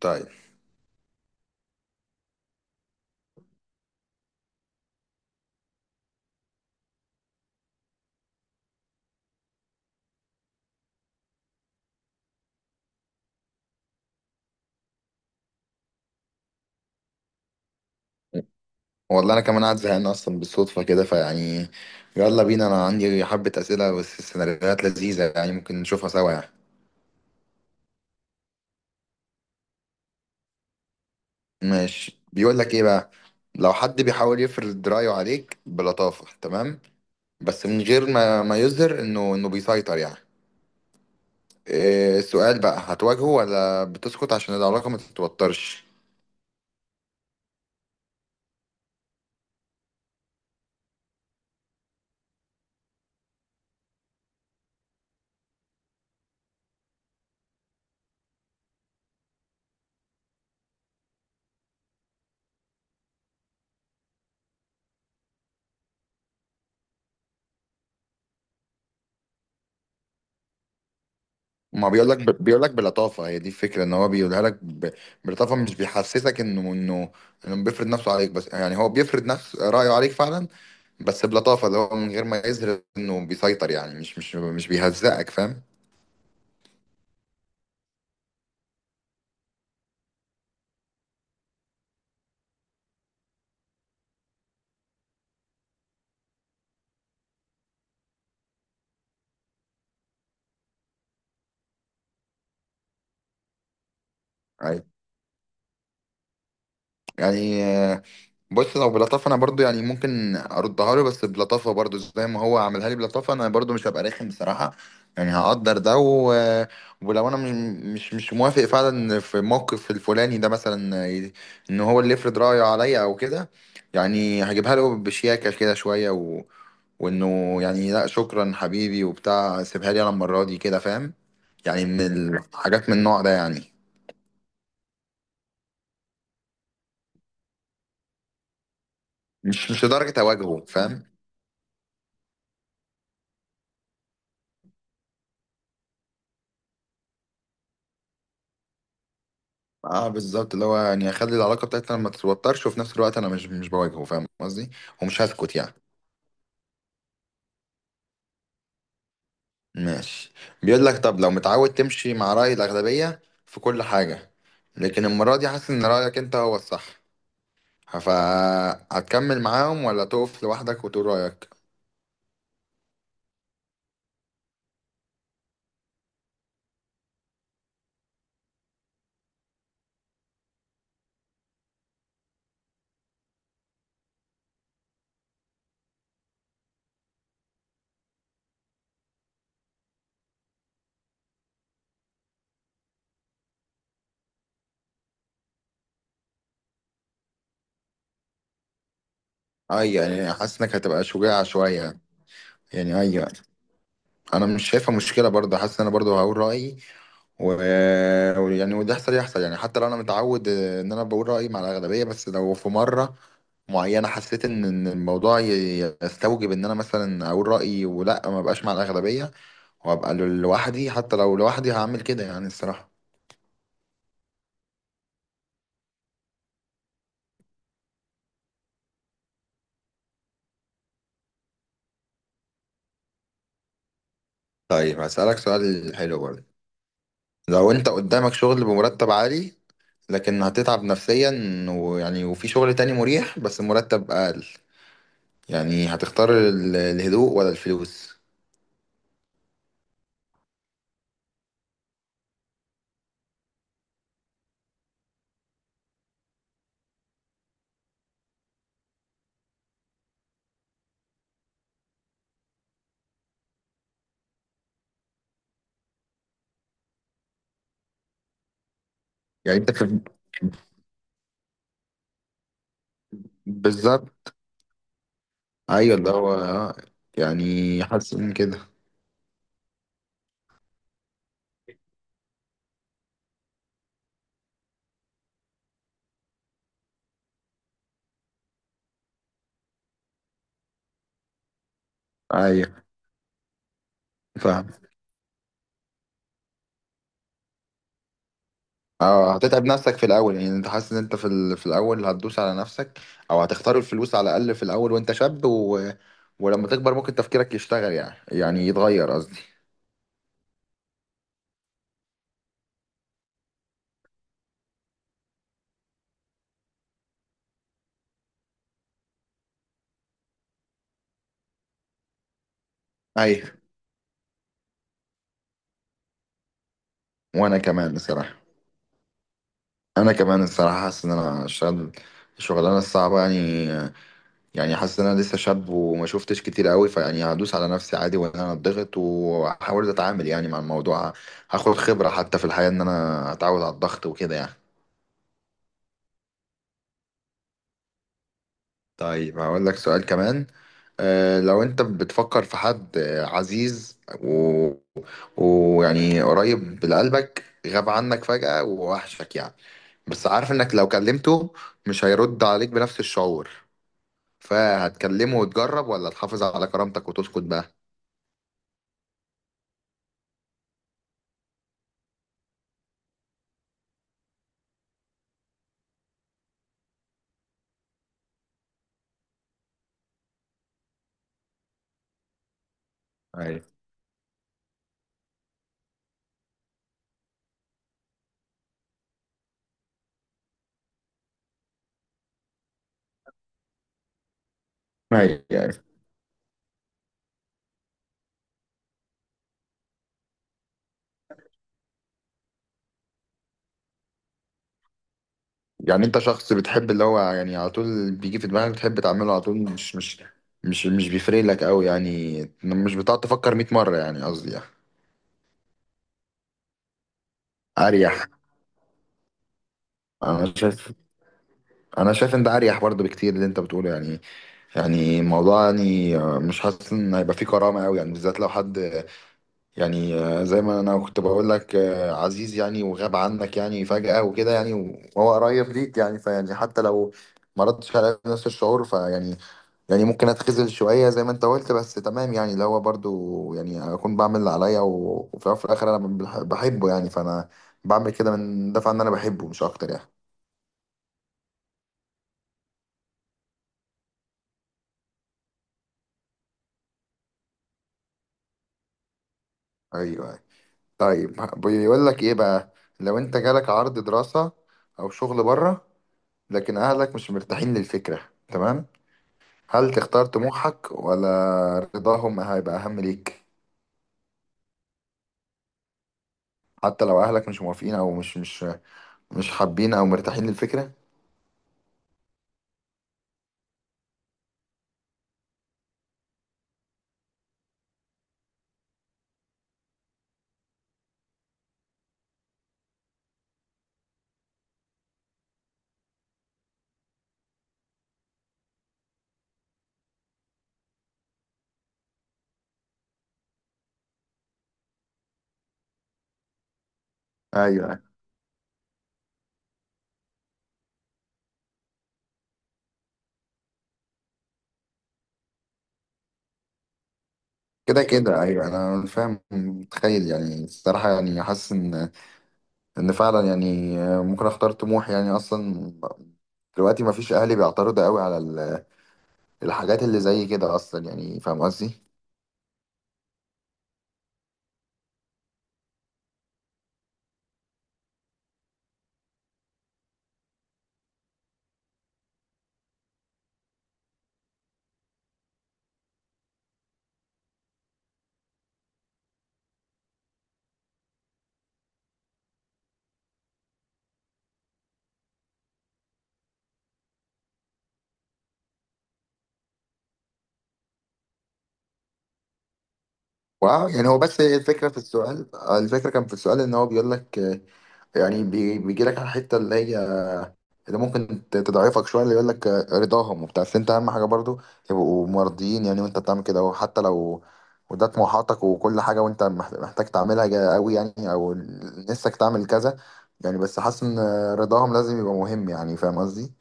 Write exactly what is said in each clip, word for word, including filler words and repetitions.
طيب. والله انا كمان قاعد زهقان اصلا بالصدفه كده فيعني يلا بينا، انا عندي حبه اسئله بس، سيناريوهات لذيذه يعني ممكن نشوفها سوا يعني. ماشي، بيقول لك ايه بقى: لو حد بيحاول يفرض رايه عليك بلطافه، تمام، بس من غير ما ما يظهر انه انه بيسيطر يعني، إيه؟ السؤال بقى، هتواجهه ولا بتسكت عشان العلاقه ما تتوترش؟ ما بيقول لك، بيقول لك بلطافه، هي دي الفكره، ان هو بيقولها لك ب- بلطافه، مش بيحسسك انه انه انه بيفرض نفسه عليك، بس يعني هو بيفرض نفس رايه عليك فعلا، بس بلطافه، اللي هو من غير ما يظهر انه بيسيطر يعني مش مش مش بيهزقك، فاهم؟ أيوه. يعني آه، بص، لو بلطافه انا برضو يعني ممكن اردها له بس بلطافه برضو، زي ما هو عملها لي بلطافه، انا برضو مش هبقى رخم بصراحه. يعني هقدر ده و... ولو انا مش مش مش موافق فعلا في الموقف الفلاني ده مثلا، ي- ان هو اللي يفرض رايه عليا او كده، يعني هجيبها له بشياكه كده شويه و... وانه يعني لا شكرا حبيبي وبتاع، سيبها لي انا المره دي كده، فاهم؟ يعني من الحاجات من النوع ده يعني. مش مش لدرجه اواجهه، فاهم؟ اه بالظبط، اللي هو يعني اخلي العلاقه بتاعتنا ما تتوترش، وفي نفس الوقت انا مش مش بواجهه، فاهم قصدي؟ ومش هسكت يعني. ماشي. بيقول لك: طب لو متعود تمشي مع راي الاغلبيه في كل حاجه، لكن المره دي حاسس ان رايك انت هو الصح، فهتكمل معاهم ولا تقف لوحدك وتقول رايك؟ اي يعني، حاسس انك هتبقى شجاع شويه. يعني ايوه، انا مش شايفها مشكله برضه، حاسس ان انا برضه هقول رايي و... ويعني وده يحصل يحصل، يعني حتى لو انا متعود آه، ان انا بقول رايي مع الاغلبيه، بس لو في مره معينه حسيت ان إن الموضوع ي- يستوجب ان انا مثلا اقول رايي ولا ما بقاش مع الاغلبيه، وابقى ل- لوحدي، حتى لو لوحدي هعمل كده يعني الصراحه. طيب، هسالك سؤال حلو برضه. لو انت قدامك شغل بمرتب عالي لكن هتتعب نفسيا، ويعني وفي شغل تاني مريح بس مرتب اقل، يعني هتختار ال- الهدوء ولا الفلوس؟ يعني انت في- بالظبط. ايوه، اللي هو آه، يعني حاسس ان كده. ايوه فاهم. اه هتتعب نفسك في الاول، يعني انت حاسس ان انت في ال... في الاول هتدوس على نفسك، او هتختار الفلوس على الاقل في الاول وانت شاب و... ولما تكبر ممكن تفكيرك يشتغل، يعني يعني يتغير قصدي. ايوه وانا كمان بصراحه، انا كمان الصراحه حاسس ان انا اشتغل الشغلانه الصعبه يعني. يعني حاسس ان انا لسه شاب وما شفتش كتير قوي، فيعني هدوس على نفسي عادي وان انا اتضغط، وهحاول اتعامل يعني مع الموضوع، هاخد خبرة حتى في الحياة ان انا اتعود على الضغط وكده يعني. طيب، هقول لك سؤال كمان. آه، لو انت بتفكر في حد آه، عزيز و- ويعني قريب لقلبك، غاب عنك فجأة ووحشك يعني، بس عارف انك لو كلمته مش هيرد عليك بنفس الشعور، فهتكلمه وتجرب ولا تحافظ على كرامتك وتسكت بقى؟ ايوه ايوه. يعني انت شخص بتحب اللي هو يعني على طول بيجي في دماغك بتحب تعمله على طول، مش مش مش مش بيفرق لك قوي يعني، مش بتقعد تفكر مية مرة يعني قصدي يعني. اريح. انا شايف، انا شايف انت اريح برضه بكتير اللي انت بتقوله يعني. يعني الموضوع يعني مش حاسس ان هيبقى فيه كرامة قوي يعني، بالذات لو حد يعني زي ما انا كنت بقول لك، عزيز يعني وغاب عنك يعني فجأة وكده يعني، وهو قريب ليك يعني، فيعني حتى لو ما ردش على نفس الشعور، فيعني يعني ممكن اتخذل شوية زي ما انت قلت، بس تمام يعني، اللي هو برضو يعني اكون بعمل اللي عليا، و- وفي الأول وفي الاخر انا بح- بحبه يعني، فانا بعمل كده من دفع ان انا بحبه مش اكتر يعني. ايوه أيوة. طيب، بيقول لك ايه بقى: لو انت جالك عرض دراسة او شغل بره، لكن اهلك مش مرتاحين للفكرة، تمام، هل تختار طموحك ولا رضاهم هيبقى اهم ليك؟ حتى لو اهلك مش موافقين او مش مش مش حابين او مرتاحين للفكرة. ايوه كده كده. ايوه انا فاهم متخيل يعني الصراحه، يعني حاسس ان ان فعلا يعني ممكن اختار طموح يعني. اصلا دلوقتي ما فيش اهلي بيعترضوا قوي على ال- الحاجات اللي زي كده اصلا، يعني فاهم قصدي. واه يعني هو بس الفكره في السؤال، الفكره كان في السؤال ان هو بيقول لك يعني، بيجي لك على الحته اللي هي اللي ممكن ت- تضعفك شويه، اللي يقول لك رضاهم وبتاع، بس انت اهم حاجه برضو يبقوا مرضيين يعني وانت بتعمل كده، وحتى لو وده طموحاتك وكل حاجه، وانت مح- محتاج تعملها جا- قوي يعني، او نفسك تعمل كذا يعني، بس حاسس ان رضاهم لازم يبقى مهم يعني، فاهم قصدي؟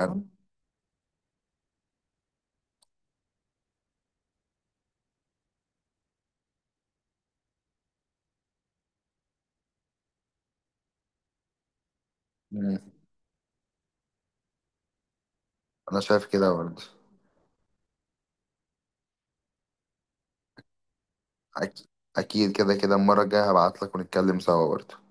أنا مم. أنا شايف كده برضه. أك- اكيد، كده كده المره الجايه هبعت لك ونتكلم سوا برضه.